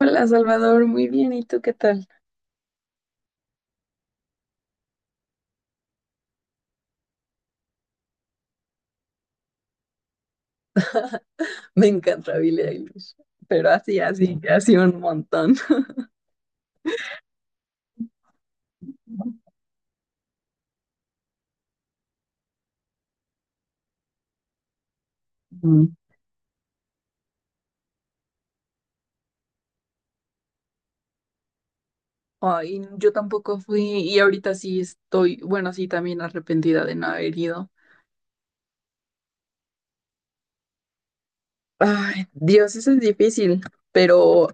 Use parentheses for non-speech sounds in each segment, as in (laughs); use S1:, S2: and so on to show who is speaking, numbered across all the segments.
S1: Hola Salvador, muy bien, ¿y tú qué tal? Me encanta Billie Eilish, pero así, así, así un montón. Mm. Ay, yo tampoco fui y ahorita sí estoy, bueno, sí también arrepentida de no haber ido. Ay, Dios, eso es difícil, pero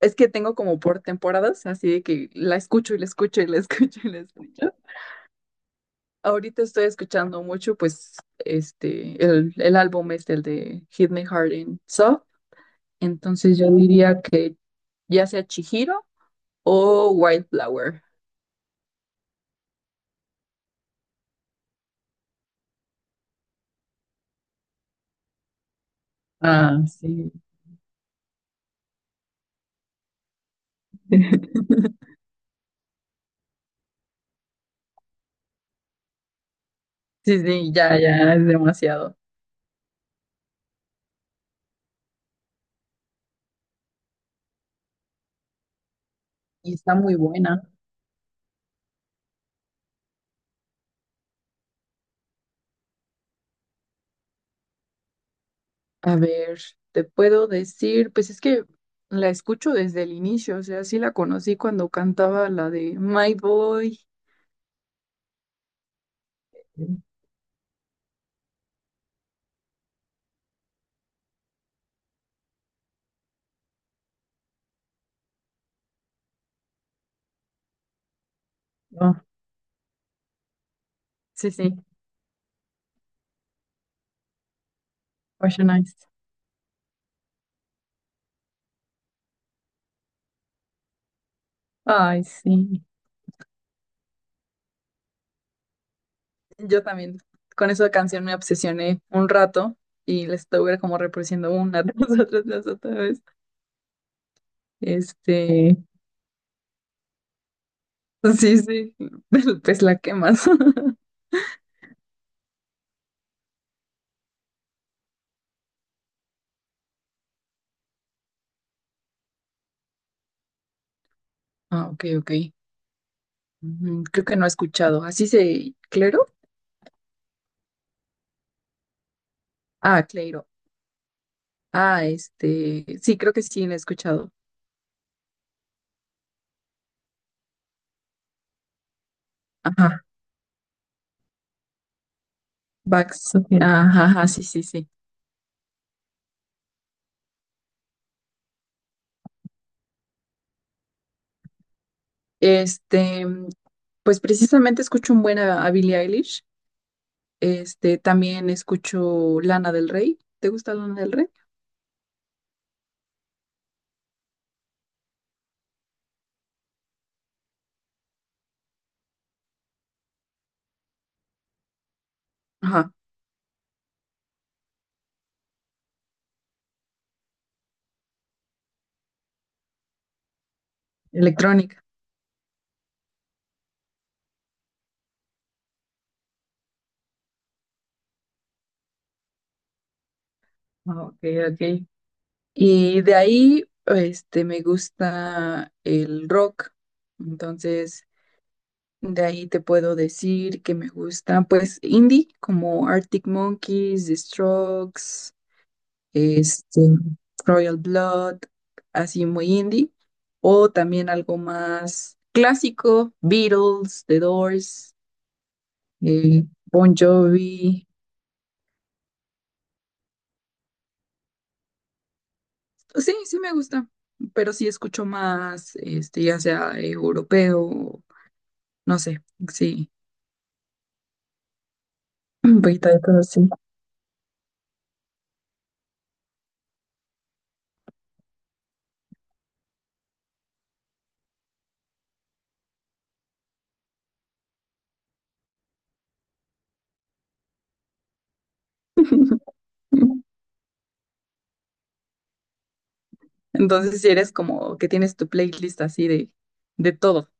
S1: es que tengo como por temporadas, así de que la escucho y la escucho y la (laughs) escucho y la escucho. Ahorita estoy escuchando mucho, pues, el álbum es el de Hit Me Hard and Soft, entonces yo diría que ya sea Chihiro o Wildflower. Ah, sí. (laughs) Sí, sí, ya, ya es demasiado. Y está muy buena. A ver, te puedo decir, pues es que la escucho desde el inicio, o sea, sí la conocí cuando cantaba la de My Boy. Oh, sí, sí, Ocean Eyes. Ay, sí. Yo también con esa canción me obsesioné un rato y la estuve como reproduciendo una (laughs) tras otra vez. Este, sí, sí, (laughs) pues la quemas. (laughs) Ah, ok, ok. Ujú, creo que no he escuchado. ¿Así se...? ¿Clero? Ah, Cleiro. Ah, este... Sí, creo que sí, lo he escuchado. Ajá. Vax. Ok. Ajá, ajá, sí, sí, sí. Este, pues precisamente escucho un buen a Billie Eilish. Este, también escucho Lana del Rey. ¿Te gusta Lana del Rey? Ajá, electrónica. Ah, ok, ok. Y de ahí, este, me gusta el rock. Entonces... De ahí te puedo decir que me gusta, pues, indie, como Arctic Monkeys, The Strokes, este, Royal Blood, así muy indie. O también algo más clásico, Beatles, The Doors, eh, Bon Jovi. Pues sí, sí me gusta, pero sí escucho más, este, ya sea europeo, no sé, sí, (clears throat) un poquito de todo, sí. (laughs) Entonces, si eres como que tienes tu playlist así de todo.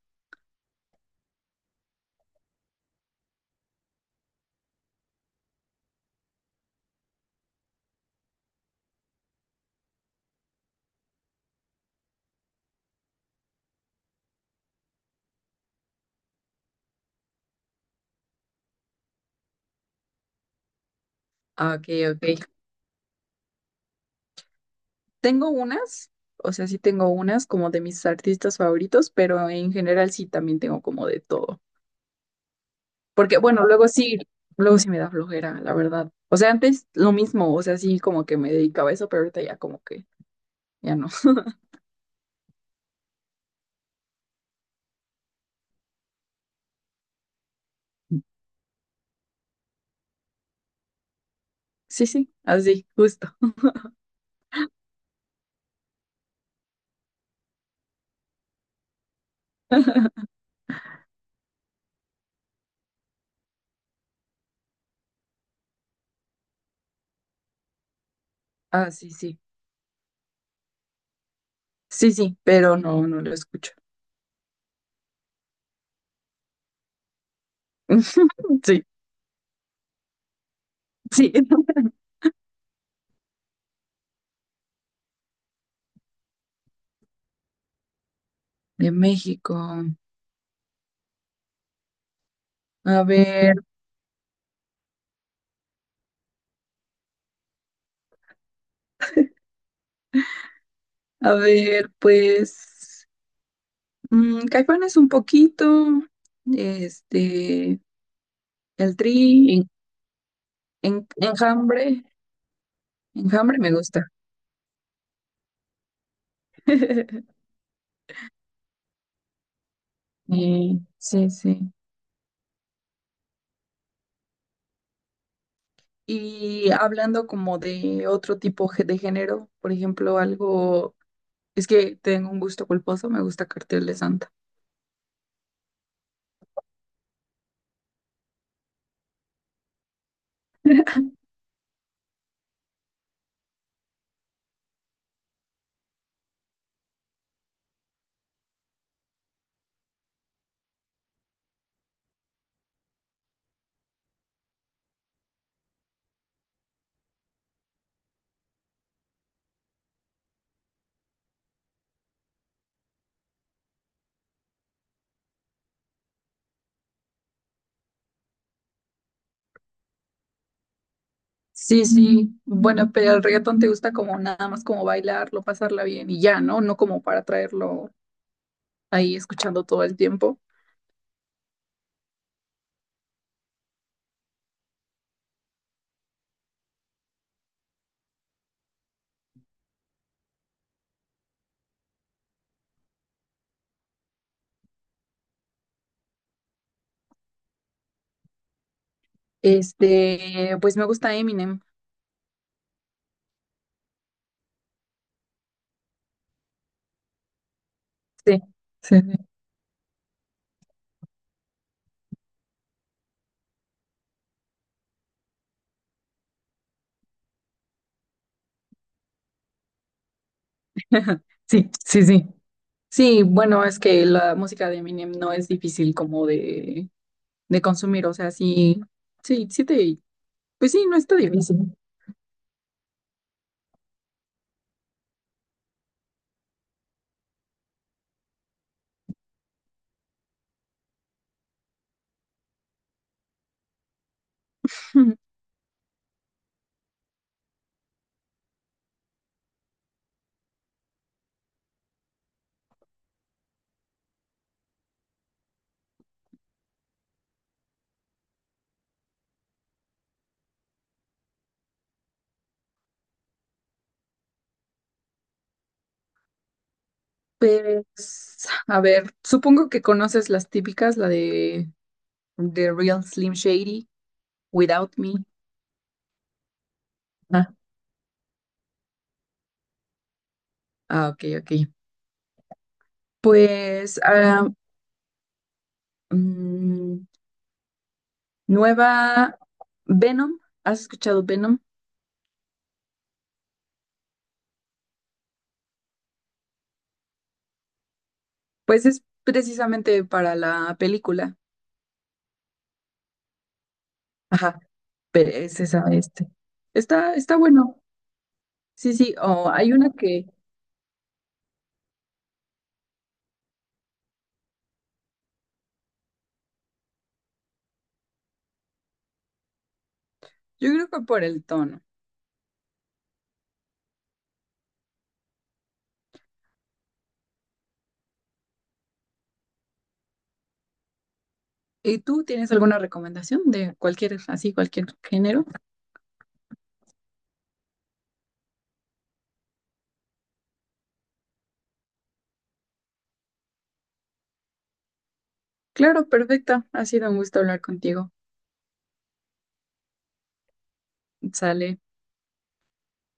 S1: Ah, ok, ok. Tengo unas, o sea, sí tengo unas como de mis artistas favoritos, pero en general sí también tengo como de todo. Porque, bueno, luego sí me da flojera, la verdad. O sea, antes lo mismo, o sea, sí como que me dedicaba a eso, pero ahorita ya como que ya no. (laughs) Sí, sí, así, justo. (laughs) Ah, sí, sí. Sí, sí, pero no, no lo escucho. (laughs) Sí, sí. De México. A ver, a ver, pues, mm, Caifanes un poquito. Este. El Tri. Enjambre. Enjambre me gusta. (laughs) Sí, sí. Y hablando como de otro tipo de género, por ejemplo, algo, es que tengo un gusto culposo, me gusta Cartel de Santa. Sí, sí. Bueno, pero el reggaetón te gusta como nada más como bailarlo, pasarla bien y ya, ¿no? No como para traerlo ahí escuchando todo el tiempo. Este, pues me gusta Eminem. Sí, sí, sí. (laughs) Sí, sí, sí. Sí, bueno, es que la música de Eminem no es difícil como de consumir, o sea, sí, sí, sí te, pues sí, no está difícil. (laughs) Pues, a ver, supongo que conoces las típicas, la de The Real Slim Shady, Without Me. Ah, ah, ok, ok. Pues, ah, mm, nueva. Venom, ¿has escuchado Venom? Pues es precisamente para la película. Ajá, pero es esa, este. Está, está bueno. Sí, sí, o hay una que yo creo que por el tono. ¿Y tú tienes alguna recomendación de cualquier, así, cualquier género? Claro, perfecta. Ha sido un gusto hablar contigo. Sale.